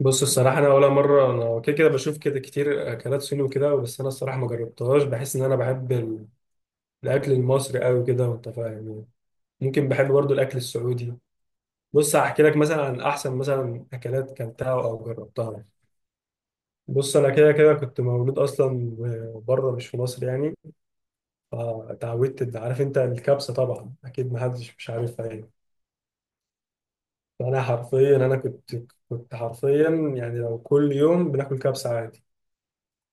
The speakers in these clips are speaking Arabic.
بص، الصراحة أنا أول مرة أنا كده كده بشوف كده كتير أكلات صيني وكده. بس أنا الصراحة ما جربتهاش. بحس إن أنا بحب الأكل المصري أوي كده، وأنت فاهم يعني. ممكن بحب برضو الأكل السعودي. بص هحكي لك مثلا عن أحسن مثلا أكلات كلتها أو جربتها. بص أنا كده كده كنت مولود أصلا بره، مش في مصر يعني. فتعودت عارف أنت الكبسة، طبعا أكيد محدش مش عارفها يعني. فأنا حرفيا أنا كنت حرفيا، يعني لو كل يوم بناكل كبسة عادي.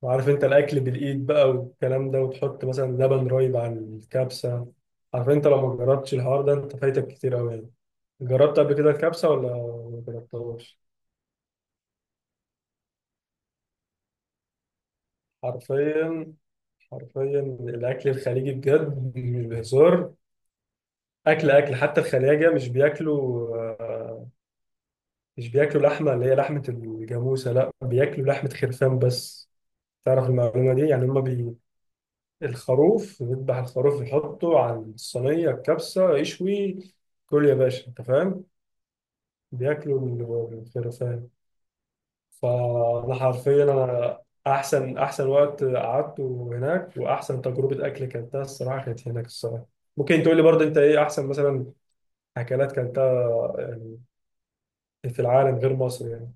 وعارف انت الاكل بالايد بقى والكلام ده، وتحط مثلا لبن رايب على الكبسه. عارف انت لو ما جربتش الحوار ده انت فايتك كتير قوي يعني. جربت قبل كده الكبسه ولا ما جربتهاش؟ حرفيا حرفيا الاكل الخليجي بجد مش بهزار. اكل اكل حتى الخلاجه مش بياكلوا لحمه، اللي هي لحمه الجاموسه، لا بياكلوا لحمه خرفان بس. تعرف المعلومه دي يعني؟ هم الخروف، يذبح الخروف يحطه على الصينية الكبسة يشوي. كل يا باشا أنت فاهم. بياكلوا الخرفان. فأنا حرفيا أنا. أحسن وقت قعدته هناك وأحسن تجربة أكل كانتها الصراحة كانت هناك الصراحة. ممكن تقول لي برضه أنت إيه أحسن مثلا أكلات كانتها يعني في العالم غير مصر يعني؟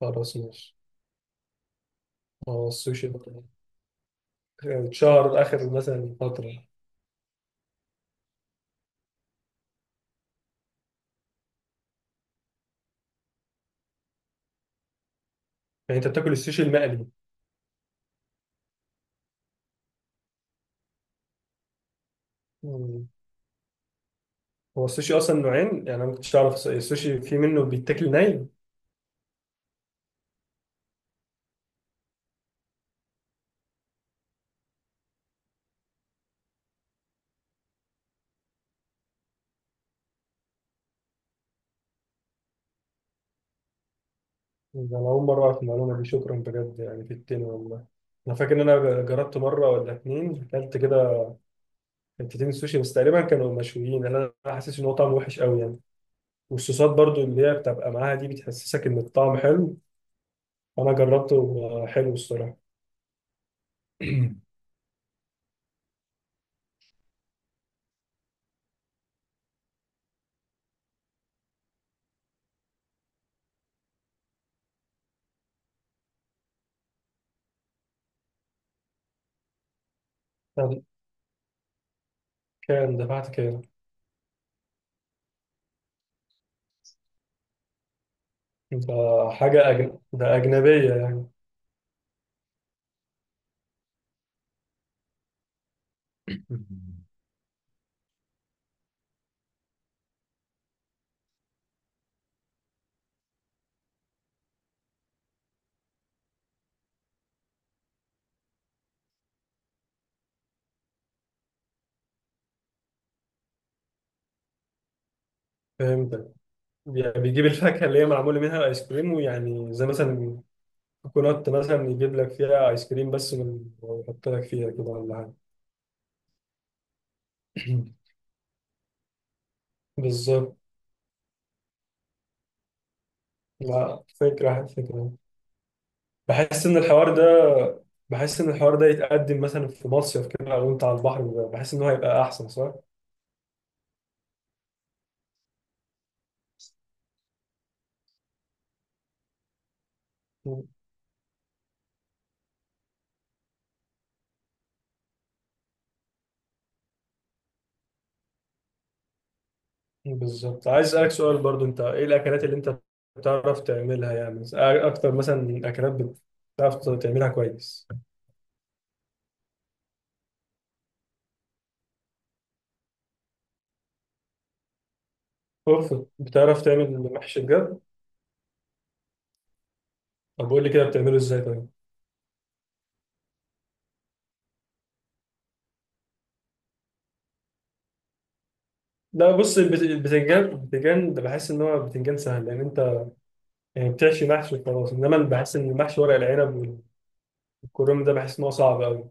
خلاص ماشي. ما هو السوشي ده اتشهر آخر مثلا فترة يعني. أنت بتاكل السوشي المقلي؟ هو السوشي اصلا نوعين، يعني انا ما كنتش اعرف. السوشي في منه بيتاكل ني؟ ده انا اول مره اعرف المعلومه دي، شكرا بجد يعني في التين والله. انا فاكر ان انا جربت مره ولا اتنين، اكلت كده حتتين سوشي بس، تقريبا كانوا مشويين. انا أنا حاسس ان هو طعمه وحش قوي يعني. والصوصات برضو اللي هي بتبقى معاها دي بتحسسك ان الطعم حلو. انا جربته، حلو الصراحه. طب كان دفعت كام؟ ده ده اجنبيه يعني. فهمتك. يعني بيجيب الفاكهة اللي هي معمولة منها الآيس كريم، ويعني زي مثلا كوكونات مثلا يجيب لك فيها ايس كريم ويحط لك فيها كده، ولا حاجه؟ بالظبط. لا، فكره فكره. بحس ان الحوار ده بحس ان الحوار ده يتقدم مثلا في مصيف كده، او انت على البحر. بحس ان هو هيبقى احسن، صح؟ مم. بالظبط. عايز اسالك سؤال برضو، انت ايه الاكلات اللي انت بتعرف تعملها يعني اكتر مثلا اكلات بتعرف تعملها كويس؟ اوف، بتعرف تعمل محشي بجد؟ طب قول لي كده بتعمله ازاي طيب. لا، بص البتنجان ده بحس ان هو بتنجان سهل، لان انت يعني بتحشي محشي وخلاص. انما اللي بحس ان محشي ورق العنب والكرنب ده بحس ان هو صعب قوي.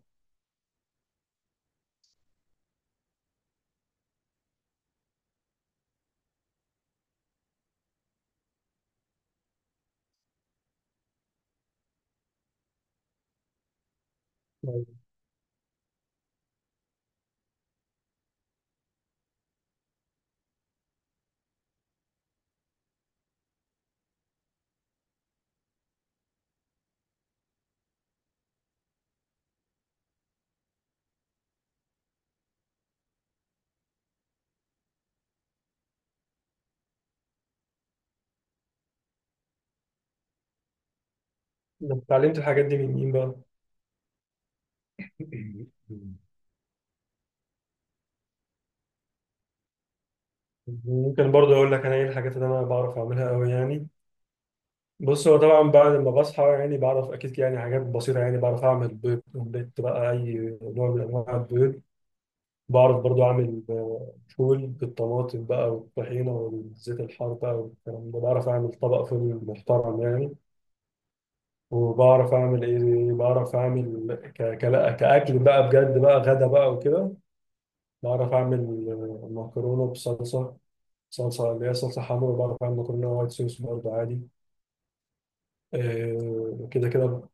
انا اتعلمت الحاجات دي من مين بقى؟ ممكن برضه اقول لك انا ايه الحاجات اللي انا بعرف اعملها قوي يعني. بص هو طبعا بعد ما بصحى يعني بعرف اكيد يعني حاجات بسيطه، يعني بعرف اعمل بيض اومليت بقى، اي نوع من انواع البيض. بعرف برضو أعمل فول بالطماطم بقى والطحينة والزيت الحار بقى والكلام ده. بعرف أعمل طبق فول محترم يعني. وبعرف أعمل إيه، بعرف أعمل كأكل بقى بجد بقى غدا بقى وكده. بعرف أعمل مكرونة بصلصة، صلصة اللي هي صلصة حمرا. بعرف أعمل مكرونة وايت صوص برضو عادي. آه، كده كده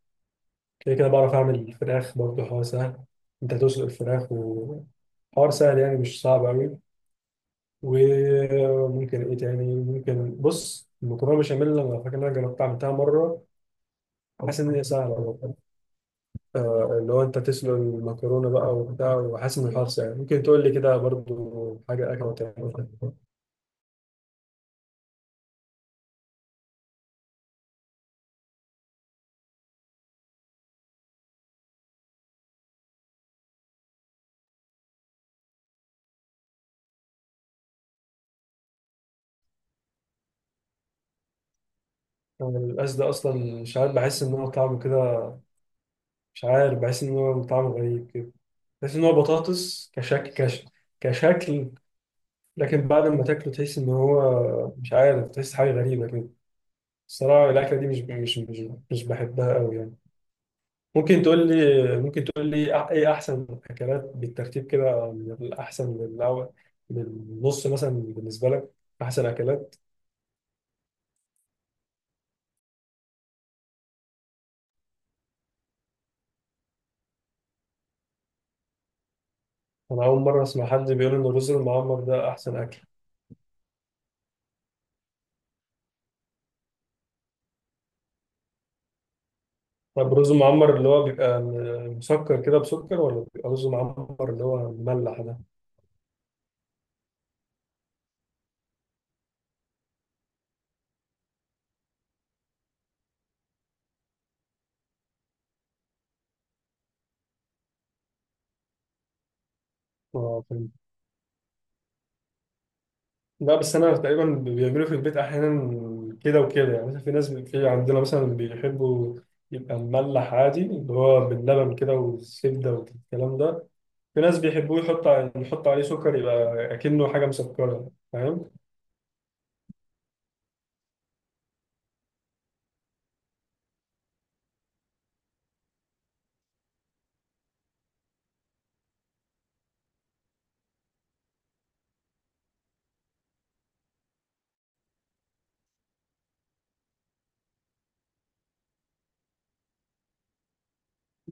كده كده بعرف أعمل فراخ برضو، حوار سهل. أنت تسلق الفراخ وحوار سهل، يعني مش صعب أوي. وممكن ايه تاني ممكن؟ بص، المكرونه بشاميل انا فاكر ان انا جربتها عملتها مره. حاسس ان هي سهله برضه. اللي هو انت تسلق المكرونه بقى وبتاع. وحاسس ان الحرص يعني. ممكن تقول لي كده برضو حاجه اكله تعملها؟ القلقاس ده اصلا مش عارف بحس ان هو طعمه كده مش عارف بحس ان هو طعمه غريب كده. بحس ان هو بطاطس كشكل، لكن بعد ما تاكله تحس ان هو مش عارف، تحس حاجه غريبه كده. الصراحه الاكله دي مش بحبها قوي يعني. ممكن تقول لي ايه احسن اكلات بالترتيب كده من الاحسن للاول، من النص مثلا بالنسبه لك، احسن اكلات؟ انا اول مره اسمع حد بيقول ان الرز المعمر ده احسن اكل. طب الرز المعمر اللي هو بيبقى مسكر كده بسكر، ولا بيبقى رز معمر اللي هو مملح ده؟ اه فهمت. لا بس انا تقريبا بيعملوا في البيت احيانا كده وكده، يعني مثلا في عندنا مثلا بيحبوا يبقى مملح عادي، اللي هو باللبن كده والزبده والكلام ده. في ناس بيحبوه يحط عليه سكر، يبقى اكنه حاجه مسكره، فاهم؟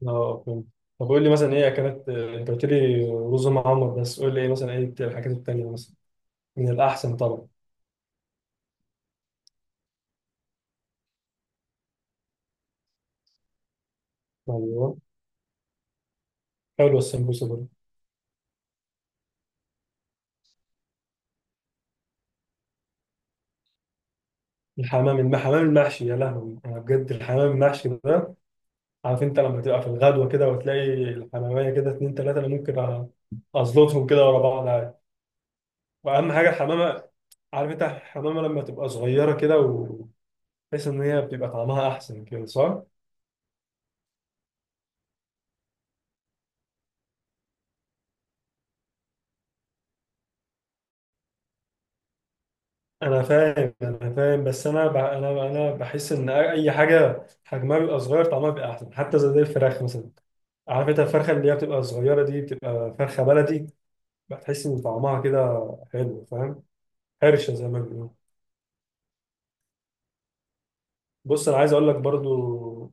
اه فهمت. طب قول لي مثلا ايه اكلات؟ انت قلت لي رز معمر بس، قول لي ايه مثلا، ايه الحاجات التانيه مثلا من الاحسن طبعا. ايوه، حلوه السمبوسه برضه. الحمام المحشي، يا لهوي انا بجد الحمام المحشي ده. عارف انت لما تبقى في الغدوه كده وتلاقي الحماميه كده اتنين تلاته، انا ازلطهم كده ورا بعض عادي. واهم حاجه الحمامه. عارف انت الحمامه لما تبقى صغيره كده بحيث ان هي بتبقى طعمها احسن كده، صح؟ انا فاهم، بس انا ب... انا انا بحس ان اي حاجه حجمها بيبقى صغير طعمها بيبقى احسن، حتى زي الفراخ مثلا. عارف انت الفرخه اللي هي بتبقى صغيره دي بتبقى فرخه بلدي، بتحس ان طعمها كده حلو، فاهم؟ حرشه زي ما بيقولوا. بص انا عايز اقول لك برضو،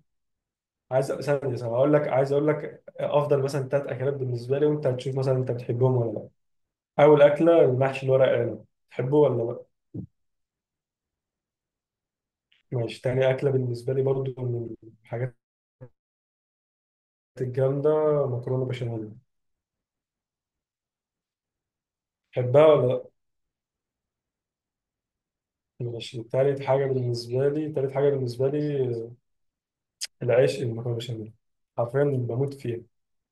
عايز ثانيه ثانيه هقول لك، عايز اقول لك افضل مثلا 3 اكلات بالنسبه لي، وانت هتشوف مثلا انت بتحبهم ولا لا. اول اكله المحشي الورق عنب، تحبه ولا لا؟ ماشي. تاني اكله بالنسبه لي برضو، من الحاجات الجامده، مكرونه بشاميل. بحبها ولا لأ؟ ماشي. تالت حاجة بالنسبة لي، العيش المكرونة بشاميل، حرفيا بموت فيها.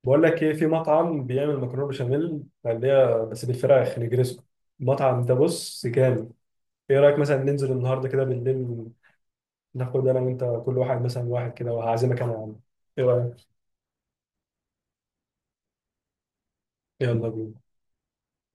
بقول لك إيه، في مطعم بيعمل مكرونة بشاميل اللي هي بس بالفراخ نجرسكو. المطعم ده بص جامد. إيه رأيك مثلا ننزل النهاردة كده بالليل، ناخد أنا وأنت كل واحد مثلا واحد كده، وهعزمك أنا يا عم؟ إيه رأيك؟ يلا بينا.